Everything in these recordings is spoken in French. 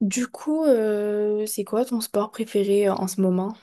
Du coup, c'est quoi ton sport préféré en ce moment?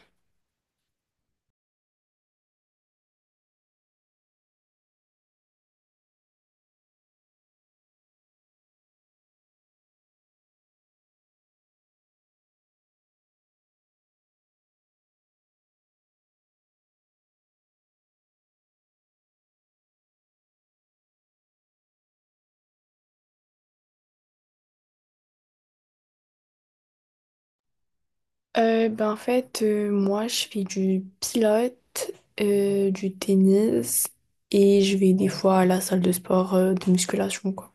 Ben en fait, moi, je fais du pilote, du tennis et je vais des fois à la salle de sport de musculation, quoi.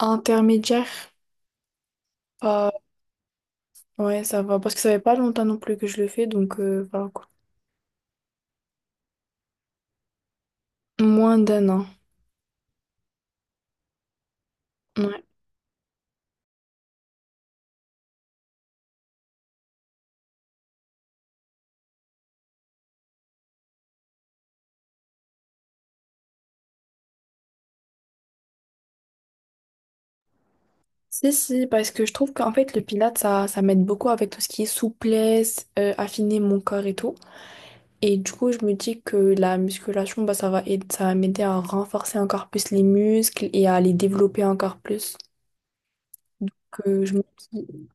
Intermédiaire, pas... ouais, ça va, parce que ça fait pas longtemps non plus que je le fais, donc voilà quoi. Moins d'un an, ouais. Si, si, parce que je trouve qu'en fait, le pilates ça m'aide beaucoup avec tout ce qui est souplesse, affiner mon corps et tout. Et du coup, je me dis que la musculation, bah, ça va aider, ça va m'aider à renforcer encore plus les muscles et à les développer encore plus. Que je me dis-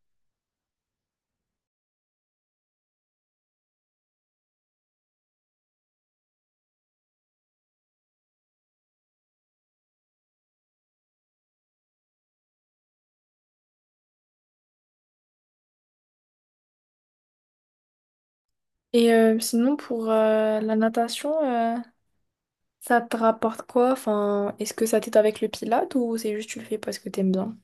Et sinon, pour la natation, ça te rapporte quoi? Enfin, est-ce que ça t'aide avec le pilate ou c'est juste tu le fais parce que t'aimes bien?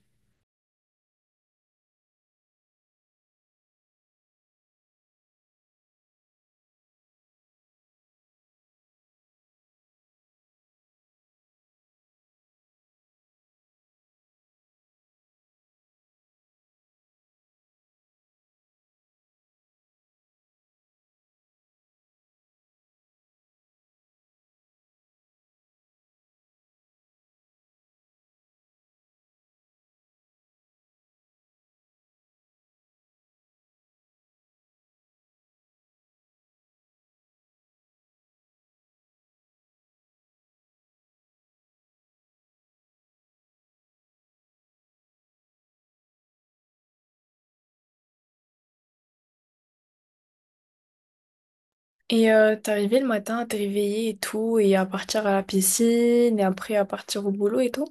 Et t'arrivais le matin à te réveiller et tout, et à partir à la piscine, et après à partir au boulot et tout?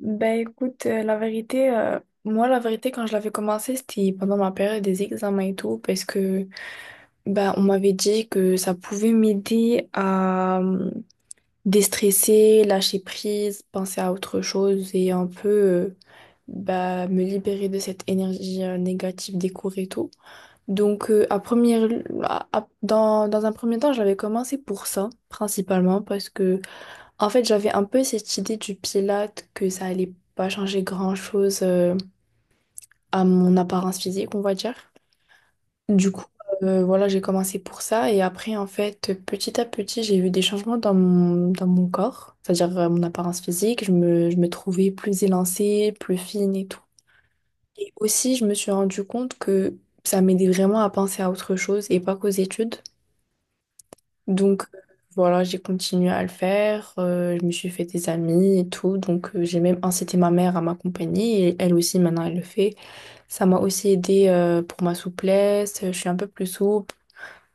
Ben écoute, la vérité, moi la vérité quand je l'avais commencé, c'était pendant ma période des examens et tout, parce que bah on m'avait dit que ça pouvait m'aider à déstresser, lâcher prise, penser à autre chose et un peu bah, me libérer de cette énergie négative des cours et tout. Donc, à première, à- dans, dans un premier temps, j'avais commencé pour ça, principalement, parce que, en fait, j'avais un peu cette idée du Pilate que ça allait pas changer grand-chose à mon apparence physique, on va dire. Du coup, voilà, j'ai commencé pour ça et après, en fait, petit à petit, j'ai eu des changements dans mon corps, c'est-à-dire mon apparence physique. Je me trouvais plus élancée, plus fine et tout. Et aussi, je me suis rendu compte que ça m'aidait vraiment à penser à autre chose et pas qu'aux études. Donc, voilà, j'ai continué à le faire. Je me suis fait des amis et tout. Donc, j'ai même incité ma mère à m'accompagner et elle aussi, maintenant, elle le fait. Ça m'a aussi aidé pour ma souplesse. Je suis un peu plus souple.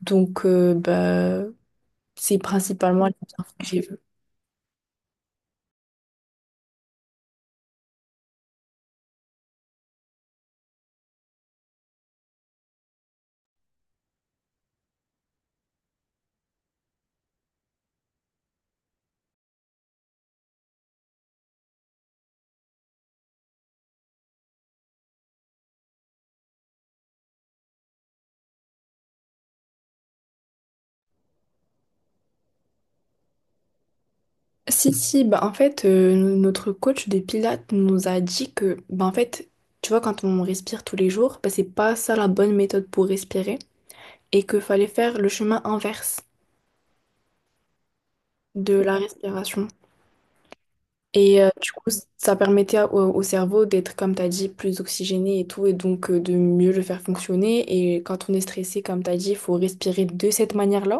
Donc, bah, c'est principalement les bienfaits que j'ai vus. Si, si, bah, en fait, notre coach des Pilates nous a dit que, bah, en fait, tu vois, quand on respire tous les jours, bah, c'est pas ça la bonne méthode pour respirer et qu'il fallait faire le chemin inverse de la respiration. Et du coup, ça permettait au cerveau d'être, comme tu as dit, plus oxygéné et tout, et donc de mieux le faire fonctionner. Et quand on est stressé, comme tu as dit, il faut respirer de cette manière-là,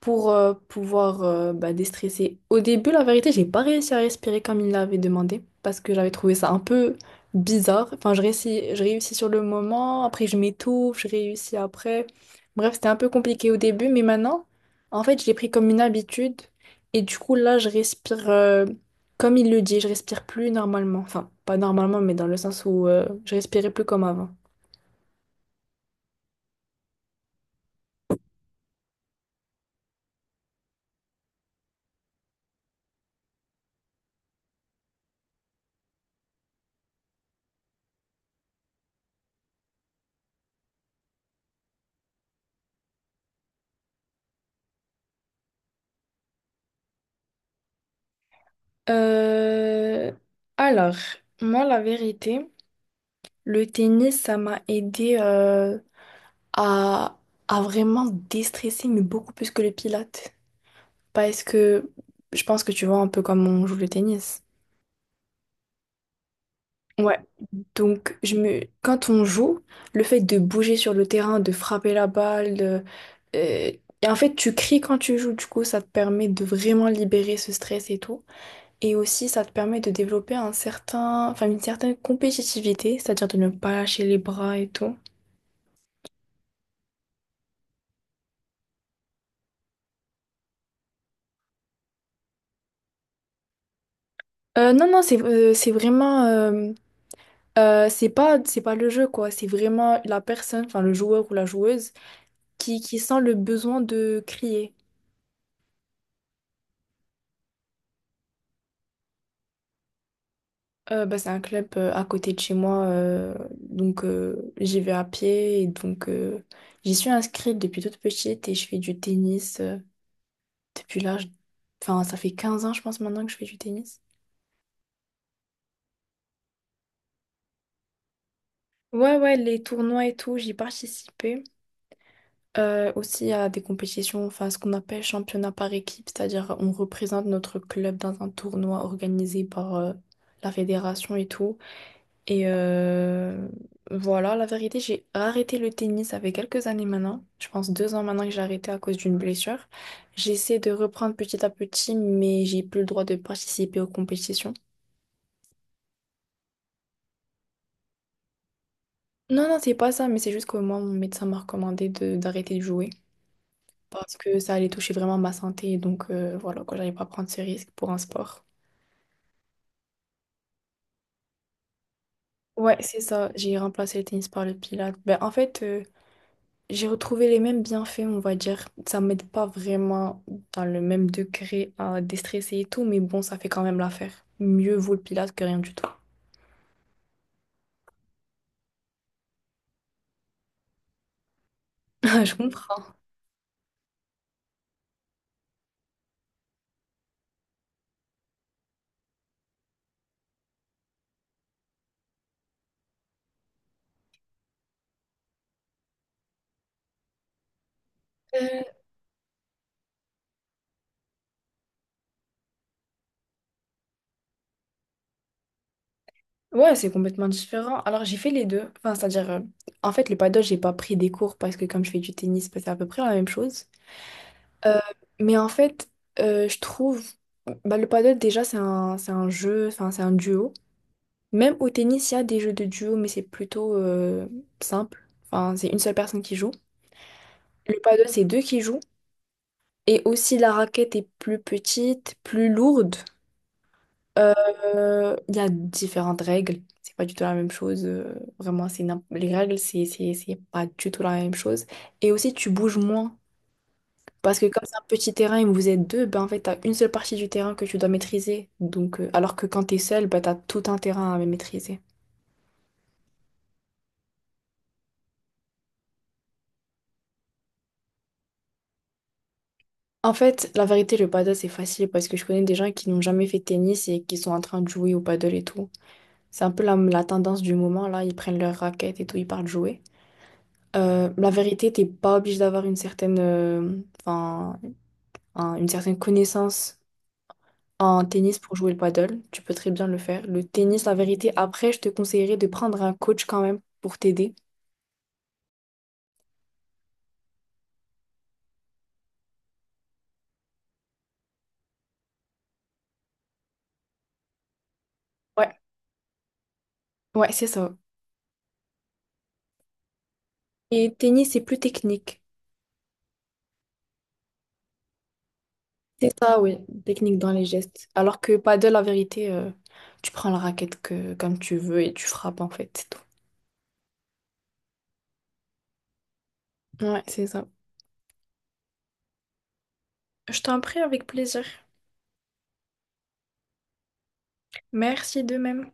pour pouvoir bah, déstresser. Au début, la vérité, j'ai pas réussi à respirer comme il l'avait demandé parce que j'avais trouvé ça un peu bizarre. Enfin, je réussis sur le moment, après je m'étouffe, je réussis après. Bref, c'était un peu compliqué au début, mais maintenant, en fait, je l'ai pris comme une habitude et du coup, là, je respire comme il le dit, je respire plus normalement. Enfin, pas normalement, mais dans le sens où je respirais plus comme avant. Euh, Alors, moi, la vérité. Le tennis, ça m'a aidé à, à vraiment déstresser, mais beaucoup plus que le pilates. Parce que je pense que tu vois un peu comme on joue le tennis. Ouais. Donc, quand on joue, le fait de bouger sur le terrain, de frapper la balle, euh, et en fait, tu cries quand tu joues, du coup, ça te permet de vraiment libérer ce stress et tout. Et aussi, ça te permet de développer enfin, une certaine compétitivité, c'est-à-dire de ne pas lâcher les bras et tout. Non, non, c'est c'est pas le jeu, quoi. C'est vraiment la personne, enfin le joueur ou la joueuse, qui sent le besoin de crier. Bah, c'est un club à côté de chez moi, donc j'y vais à pied. Et donc j'y suis inscrite depuis toute petite et je fais du tennis depuis l'âge... Enfin, ça fait 15 ans, je pense, maintenant que je fais du tennis. Ouais, ouais, les tournois et tout, j'y participais. Aussi, à des compétitions, enfin ce qu'on appelle championnat par équipe, c'est-à-dire on représente notre club dans un tournoi organisé par la fédération et tout. Et voilà, la vérité, j'ai arrêté le tennis, avec quelques années maintenant, je pense 2 ans maintenant que j'ai arrêté à cause d'une blessure. J'essaie de reprendre petit à petit, mais j'ai plus le droit de participer aux compétitions. Non, non, c'est pas ça, mais c'est juste que moi, mon médecin m'a recommandé de d'arrêter de jouer. Parce que ça allait toucher vraiment ma santé. Donc voilà, quoi, j'allais pas prendre ce risque pour un sport. Ouais, c'est ça. J'ai remplacé le tennis par le pilates. Ben, en fait, j'ai retrouvé les mêmes bienfaits, on va dire. Ça m'aide pas vraiment dans le même degré à déstresser et tout, mais bon, ça fait quand même l'affaire. Mieux vaut le pilates que rien du tout. Je comprends. Euh, ouais, c'est complètement différent. Alors, j'ai fait les deux. Enfin, c'est-à-dire, en fait, le paddle, j'ai pas pris des cours parce que comme je fais du tennis, ben, c'est à peu près la même chose. Euh, mais en fait, je trouve, bah, le paddle déjà c'est un jeu, enfin c'est un duo. Même au tennis, il y a des jeux de duo, mais c'est plutôt simple. Enfin, c'est une seule personne qui joue. Le paddle, c'est deux qui jouent. Et aussi la raquette est plus petite, plus lourde. Il y a différentes règles. C'est pas du tout la même chose. Vraiment, les règles, c'est pas du tout la même chose. Et aussi, tu bouges moins. Parce que comme c'est un petit terrain et que vous êtes deux, ben en fait, t'as une seule partie du terrain que tu dois maîtriser. Donc, alors que quand t'es seul, ben t'as tout un terrain à maîtriser. En fait, la vérité, le paddle, c'est facile parce que je connais des gens qui n'ont jamais fait de tennis et qui sont en train de jouer au paddle et tout. C'est un peu la tendance du moment, là. Ils prennent leur raquette et tout, ils partent jouer. La vérité, t'es pas obligé d'avoir une certaine, enfin, une certaine connaissance en tennis pour jouer le paddle. Tu peux très bien le faire. Le tennis, la vérité, après, je te conseillerais de prendre un coach quand même pour t'aider. Ouais, ouais, c'est ça. Et tennis, c'est plus technique. C'est ça, oui, technique dans les gestes. Alors que paddle, la vérité, tu prends la raquette que, comme tu veux et tu frappes, en fait, c'est tout. Ouais, c'est ça. Je t'en prie avec plaisir. Merci de même.